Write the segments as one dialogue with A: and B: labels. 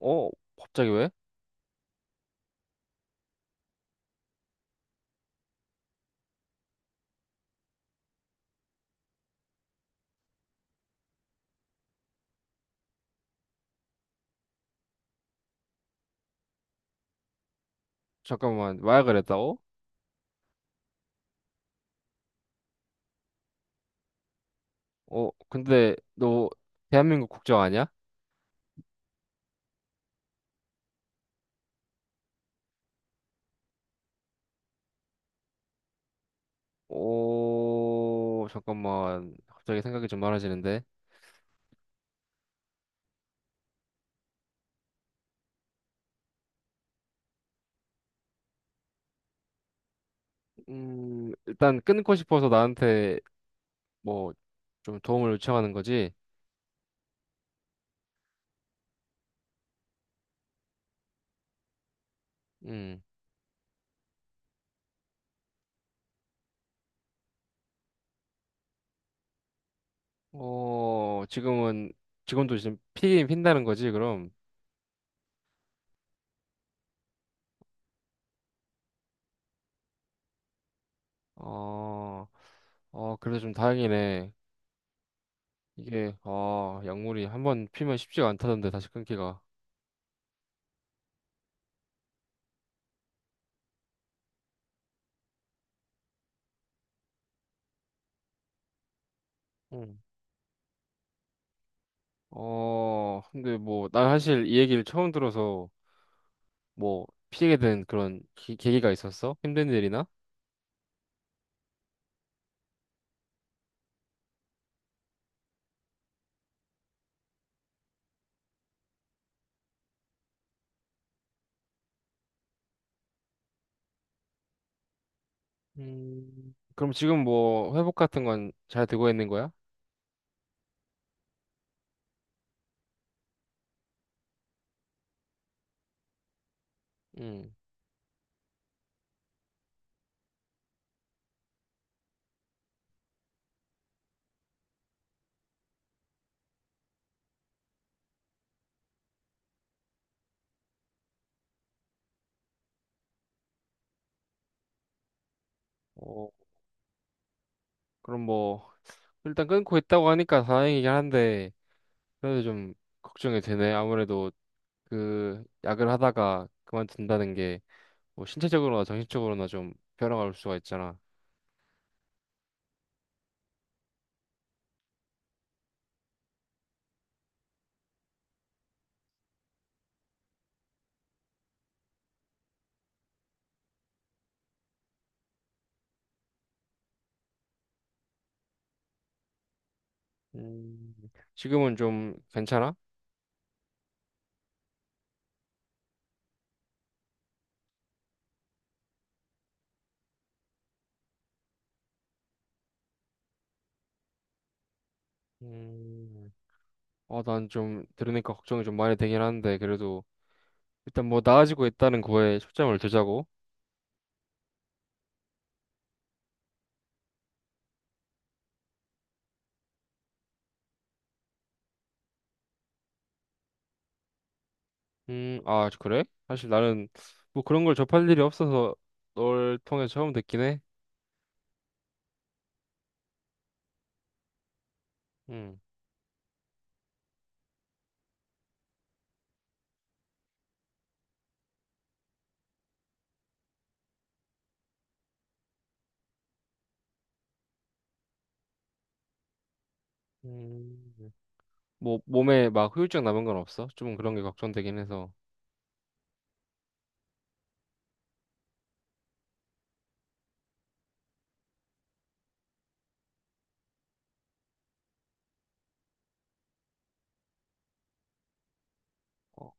A: 어? 갑자기 왜? 잠깐만, 마약을 했다고? 어, 근데 너 대한민국 국적 아니야? 오, 잠깐만. 갑자기 생각이 좀 많아지는데. 일단 끊고 싶어서 나한테 뭐 좀 도움을 요청하는 거지. 음. 어, 지금 피긴 핀다는 거지, 그럼. 어, 어, 그래도 좀 다행이네. 이게 아, 약물이 한번 피면 쉽지가 않다던데 다시 끊기가. 음. 어, 근데 뭐, 나 사실 이 얘기를 처음 들어서 뭐, 피하게 된 그런 계기가 있었어? 힘든 일이나? 그럼 지금 뭐, 회복 같은 건 잘 되고 있는 거야? 음, 어, 그럼 뭐, 일단 끊고 있다고 하니까 다행이긴 한데, 그래도 좀 걱정이 되네. 아무래도 그, 약을 하다가 그만둔다는 게, 뭐, 신체적으로나 정신적으로나 좀 변화가 올 수가 있잖아. 음, 지금은 좀 괜찮아? 음, 아, 난 좀 들으니까 걱정이 좀 많이 되긴 한데, 그래도 일단 뭐 나아지고 있다는 거에 초점을 두자고. 아, 그래? 사실 나는 뭐 그런 걸 접할 일이 없어서 널 통해 처음 듣긴 해. 음. 음. 뭐 몸에 막 후유증 남은 건 없어? 좀 그런 게 걱정되긴 해서. 어,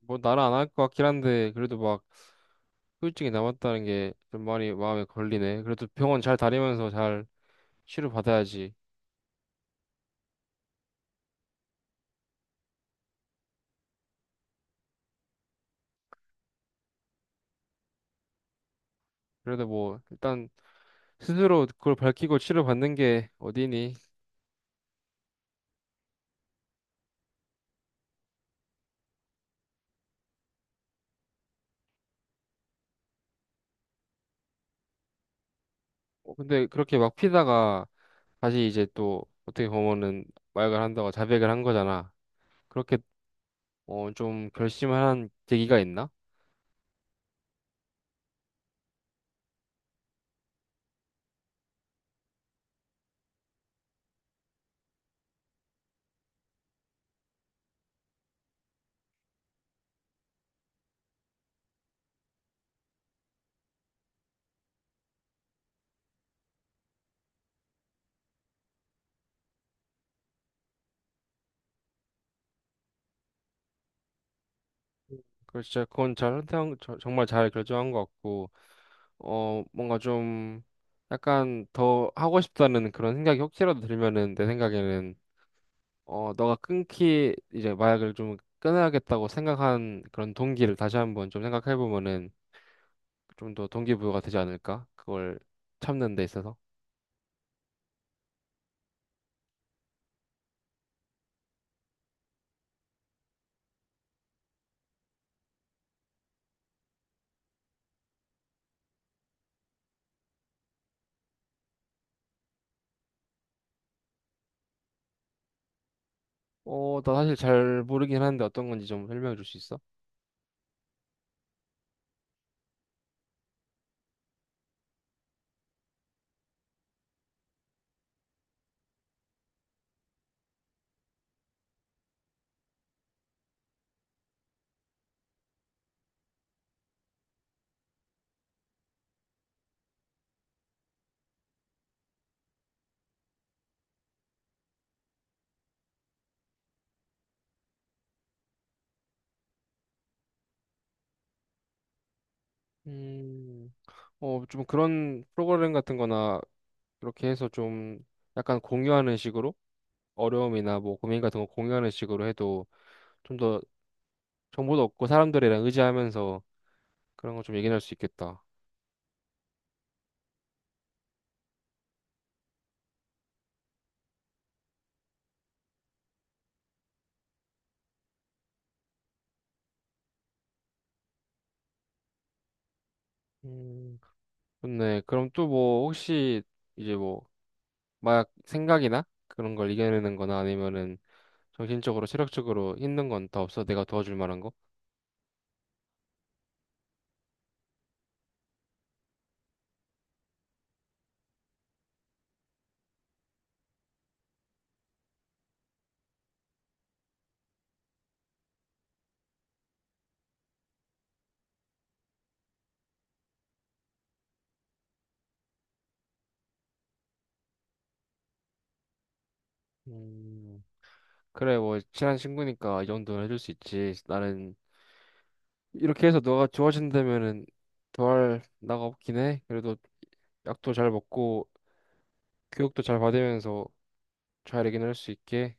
A: 뭐 나는 안 할 것 같긴 한데, 그래도 막 후유증이 남았다는 게 좀 많이 마음에 걸리네. 그래도 병원 잘 다니면서 잘 치료받아야지. 그래도 뭐 일단 스스로 그걸 밝히고 치료받는 게 어디니? 어, 근데 그렇게 막 피다가 다시 이제 또 어떻게 보면은 마약을 한다고 자백을 한 거잖아. 그렇게 어 좀 결심을 한 계기가 있나? 그 진짜 그건 잘 정말 잘 결정한 것 같고 어 뭔가 좀 약간 더 하고 싶다는 그런 생각이 혹시라도 들면은 내 생각에는 어 너가 끊기 이제 마약을 좀 끊어야겠다고 생각한 그런 동기를 다시 한번 좀 생각해 보면은 좀 더 동기부여가 되지 않을까? 그걸 참는 데 있어서. 어, 나 사실 잘 모르긴 하는데 어떤 건지 좀 설명해 줄 수 있어? 음, 어, 좀 그런 프로그램 같은 거나 이렇게 해서 좀 약간 공유하는 식으로 어려움이나 뭐 고민 같은 거 공유하는 식으로 해도 좀 더 정보도 얻고 사람들이랑 의지하면서 그런 거 좀 얘기할 수 있겠다. 음, 좋네. 그럼 또 뭐 혹시 이제 뭐 마약 생각이나 그런 걸 이겨내는 거나 아니면은 정신적으로 체력적으로 힘든 건 다 없어? 내가 도와줄 만한 거? 음. 그래, 뭐, 친한 친구니까 이 정도는 해줄 수 있지. 나는 이렇게 해서 너가 좋아진다면은 더할 나가 없긴 해. 그래도 약도 잘 먹고 교육도 잘 받으면서 잘 해결할 수 있게.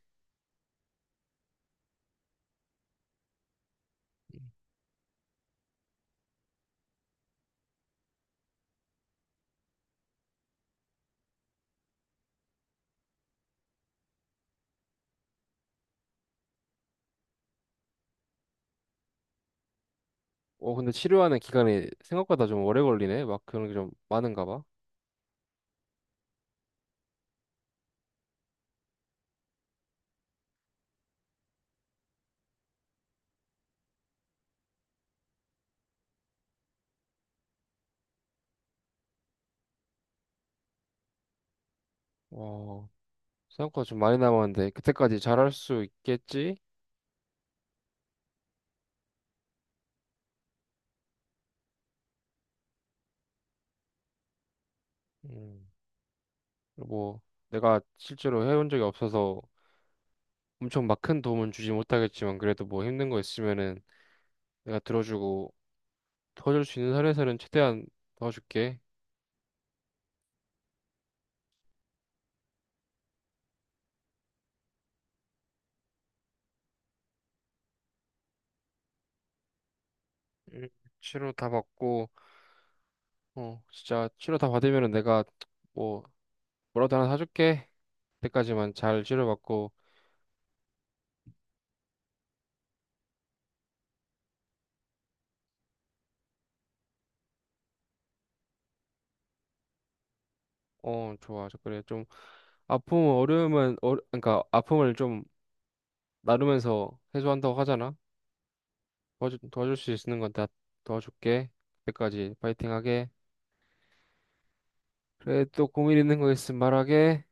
A: 어, 근데 치료하는 기간이 생각보다 좀 오래 걸리네. 막 그런 게 좀 많은가 봐. 어, 생각보다 좀 많이 남았는데 그때까지 잘할 수 있겠지? 음, 뭐 내가 실제로 해본 적이 없어서 엄청 막 큰 도움은 주지 못하겠지만 그래도 뭐 힘든 거 있으면은 내가 들어주고 도와줄 수 있는 선에서는 최대한 도와줄게. 음, 치료 다 받고, 어, 진짜 치료 다 받으면은 내가 뭐, 뭐라도 하나 사줄게. 그때까지만 잘 치료받고, 어, 좋아. 저 그래. 좀, 아픔, 어려움은, 어, 그러니까 아픔을 좀 나누면서 해소한다고 하잖아. 도와줄 수 있는 건 다 도와줄게. 그때까지 파이팅 하게. 그래, 또 고민 있는 거 있으면 말하게.